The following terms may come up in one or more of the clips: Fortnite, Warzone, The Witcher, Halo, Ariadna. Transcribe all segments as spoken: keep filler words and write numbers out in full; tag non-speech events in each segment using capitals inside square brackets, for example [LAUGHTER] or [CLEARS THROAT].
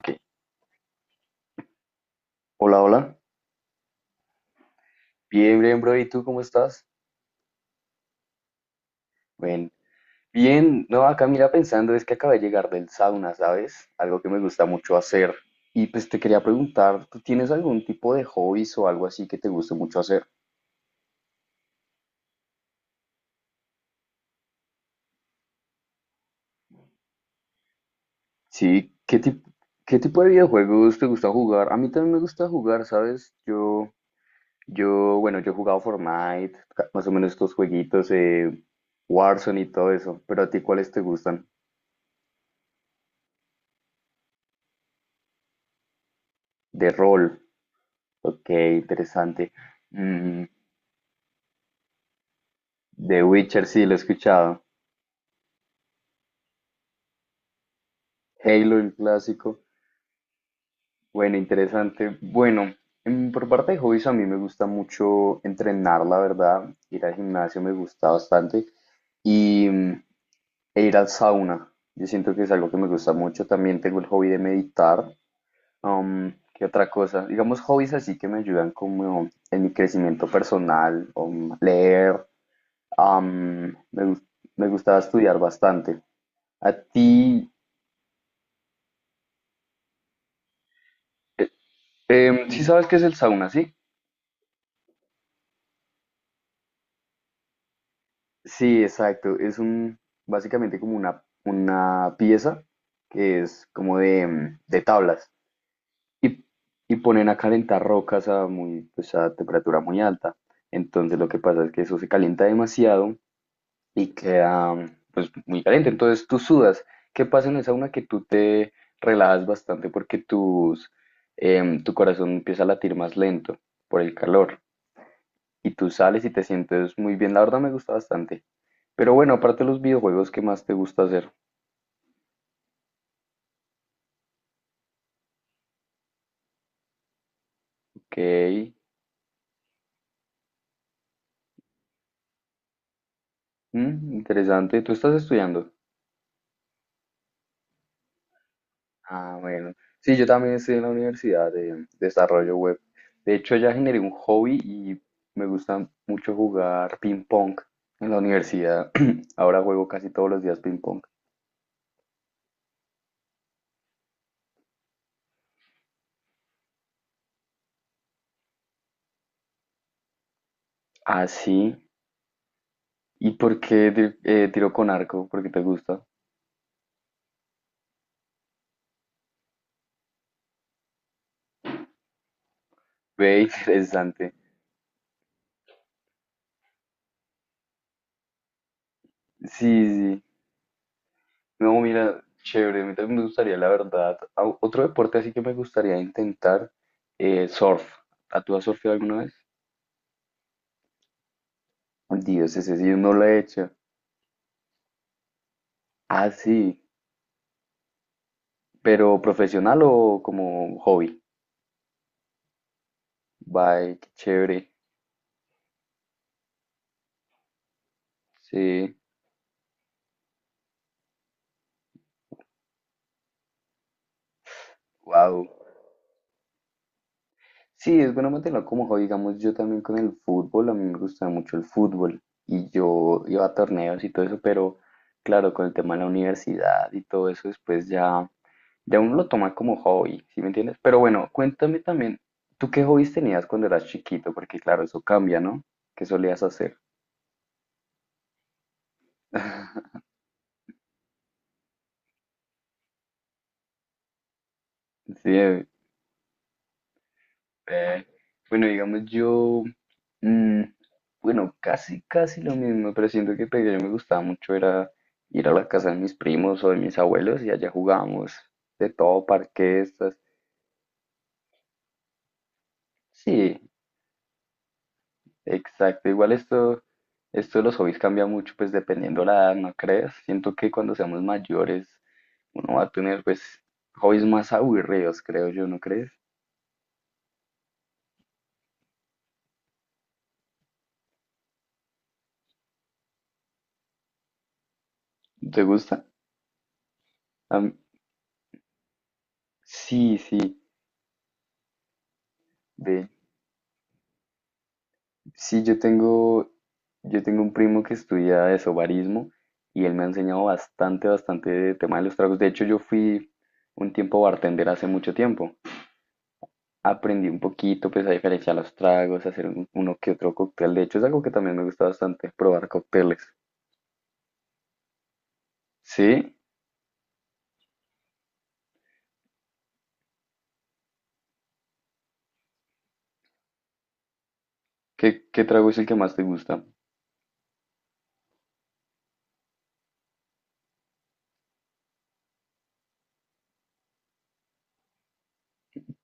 Ok. Hola, hola. Bien, bien, bro. ¿Y tú cómo estás? Bien. Bien, no, acá mira pensando, es que acabé de llegar del sauna, ¿sabes? Algo que me gusta mucho hacer. Y pues te quería preguntar, ¿tú tienes algún tipo de hobbies o algo así que te guste mucho hacer? Sí, ¿qué tipo, qué tipo de videojuegos te gusta jugar? A mí también me gusta jugar, ¿sabes? Yo, yo, bueno, yo he jugado Fortnite, ca- más o menos estos jueguitos, eh, Warzone y todo eso. Pero a ti, ¿cuáles te gustan? De rol. Ok, interesante. Mm, The Witcher sí lo he escuchado. Halo, el clásico. Bueno, interesante. Bueno, en- por parte de hobbies a mí me gusta mucho entrenar, la verdad. Ir al gimnasio me gusta bastante. Y mm, e ir al sauna. Yo siento que es algo que me gusta mucho. También tengo el hobby de meditar. Am, ¿qué otra cosa? Digamos hobbies así que me ayudan como en mi crecimiento personal. am, leer. am, me, gus- me gustaba estudiar bastante. ¿A ti Em, sí sabes qué es el sauna, ¿sí? Sí, exacto. Es un, básicamente como una, una pieza que es como de, mm, de tablas Y, y ponen a calentar rocas a muy, pues a temperatura muy alta. Entonces lo que pasa es que eso se calienta demasiado y queda mm, pues muy caliente. Entonces tú sudas. ¿Qué pasa en el sauna? Que tú te relajas bastante porque tus, em, tu corazón empieza a latir más lento por el calor. Y tú sales y te sientes muy bien. La verdad me gusta bastante. Pero bueno, aparte de los videojuegos, ¿qué más te gusta hacer? Ok, mm, interesante. ¿Tú estás estudiando? Ah, bueno. Sí, yo también estoy en la universidad de desarrollo web. De hecho, ya generé un hobby y me gusta mucho jugar ping pong en la universidad. [CLEARS THROAT] Ahora juego casi todos los días ping pong. Ah, sí. ¿Y por qué ti- eh, tiro con arco? ¿Por qué te gusta? Ve, [LAUGHS] interesante. Sí, sí, sí. No, mira, chévere, a mí también me gustaría, la verdad. au- Otro deporte así que me gustaría intentar, eh, surf. ¿A tú has surfeado alguna vez? Dios, ese sí no lo he hecho. Ah, sí, pero profesional o como hobby. Bye, qué chévere. Sí, wow. Sí, es bueno mantenerlo como hobby. Digamos, yo también con el fútbol, a mí me gustaba mucho el fútbol y yo iba a torneos y todo eso, pero claro, con el tema de la universidad y todo eso, después ya, ya uno lo toma como hobby, ¿sí me entiendes? Pero bueno, cuéntame también, ¿tú qué hobbies tenías cuando eras chiquito? Porque claro, eso cambia, ¿no? ¿Qué solías hacer? [LAUGHS] Sí, Eh, bueno, digamos yo, mm, bueno, casi, casi lo mismo, pero siento que pequeño me gustaba mucho era ir a la casa de mis primos o de mis abuelos y allá jugábamos de todo, parquestas. Sí, exacto. Igual esto, esto de los hobbies cambia mucho, pues dependiendo la edad, ¿no crees? Siento que cuando seamos mayores uno va a tener pues hobbies más aburridos, creo yo, ¿no crees? ¿Te gusta? A mí- sí, sí. De Sí, yo tengo, yo tengo un primo que estudia eso, barismo, y él me ha enseñado bastante, bastante de tema de los tragos. De hecho, yo fui un tiempo bartender hace mucho tiempo. Aprendí un poquito, pues, a diferenciar los tragos, a hacer un- uno que otro cóctel. De hecho, es algo que también me gusta bastante, probar cócteles. ¿Sí? ¿Qué, qué trago es el que más te gusta?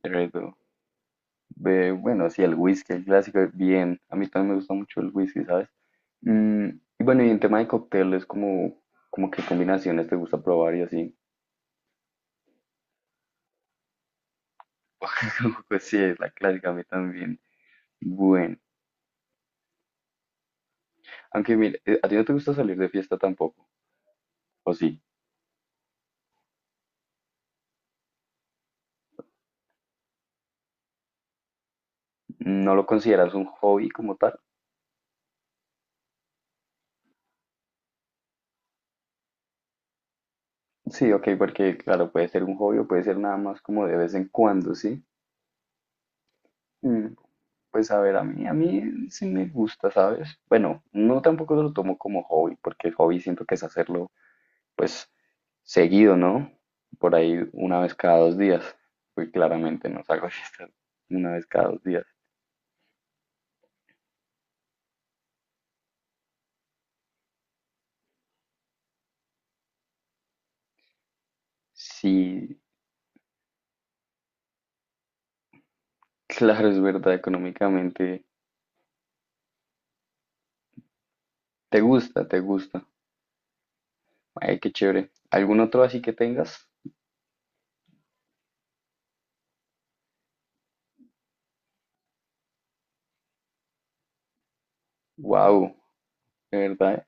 Red Bull. Ve, bueno, sí, el whisky, el clásico, bien. A mí también me gusta mucho el whisky, ¿sabes? Mm, y bueno, y en tema de cócteles, como, como qué combinaciones te gusta probar y así. [LAUGHS] Pues sí, es la clásica, a mí también. Bueno, aunque mire, eh, ¿a ti no te gusta salir de fiesta tampoco? ¿O sí? ¿No lo consideras un hobby como tal? Sí, ok, porque claro, puede ser un hobby o puede ser nada más como de vez en cuando, ¿sí? Mm, pues a ver, a mí, a mí sí me gusta, ¿sabes? Bueno, no tampoco lo tomo como hobby, porque el hobby siento que es hacerlo pues seguido, ¿no? Por ahí una vez cada dos días. Pues claramente no salgo de fiesta una vez cada dos días. Sí, claro, es verdad, económicamente te gusta, te gusta. Ay, qué chévere. ¿Algún otro así que tengas? Wow, de verdad. ¿Eh?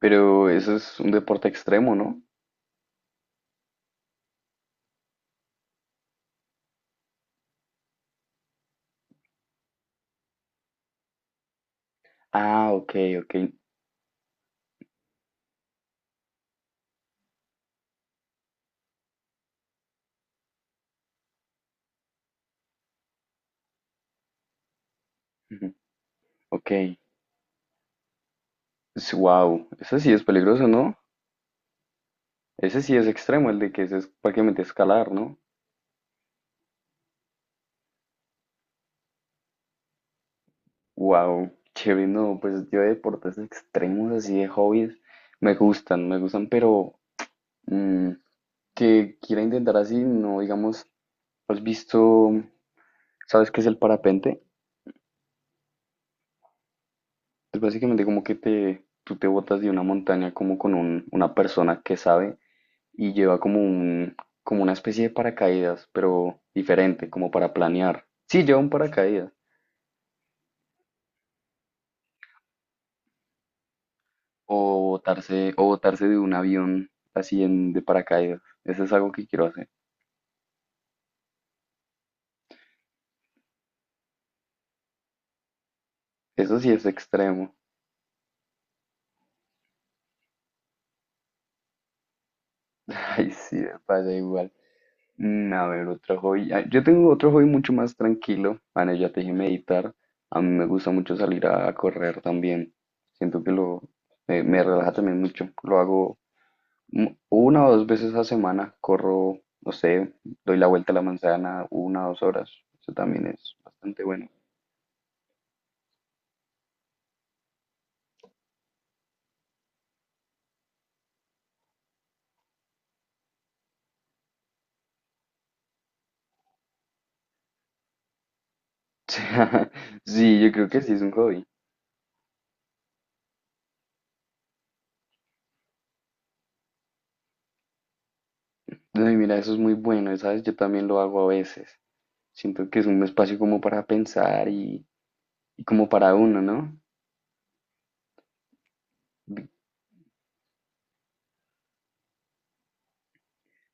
Pero eso es un deporte extremo, ¿no? Ah, ok, ok. Ujú. Ok. Wow, ese sí es peligroso, ¿no? Ese sí es extremo, el de que ese es prácticamente escalar, ¿no? Wow, chévere, no, pues yo de deportes extremos, así de hobbies, me gustan, me gustan, pero mm, que quiera intentar así, no, digamos, has visto, ¿sabes qué es el parapente? Es básicamente como que te, tú te botas de una montaña como con un- una persona que sabe y lleva como un, como una especie de paracaídas, pero diferente, como para planear. Sí, lleva un paracaídas, o botarse, o botarse de un avión así en, de paracaídas, eso es algo que quiero hacer. Eso sí es extremo. [LAUGHS] Ay, sí, me pasa igual. Mm, a ver, otro hobby. Ah, yo tengo otro hobby mucho más tranquilo. Bueno, ya te dije meditar. A mí me gusta mucho salir a correr también. Siento que lo me, me relaja también mucho. Lo hago mu- una o dos veces a semana. Corro, no sé, doy la vuelta a la manzana una o dos horas. Eso también es bastante bueno. [LAUGHS] Sí, yo creo que sí es un hobby. Ay, mira, eso es muy bueno, ¿sabes? Yo también lo hago a veces. Siento que es un espacio como para pensar y, y como para uno, ¿no?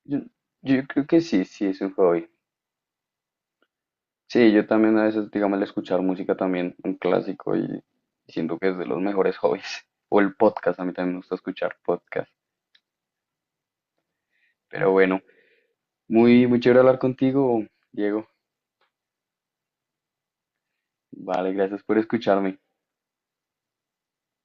Yo, yo creo que sí, sí es un hobby. Sí, yo también a veces, digamos, el escuchar música también, un clásico, y siento que es de los mejores hobbies. [LAUGHS] O el podcast, a mí también me gusta escuchar podcast. Pero bueno, muy, muy chévere hablar contigo, Diego. Vale, gracias por escucharme.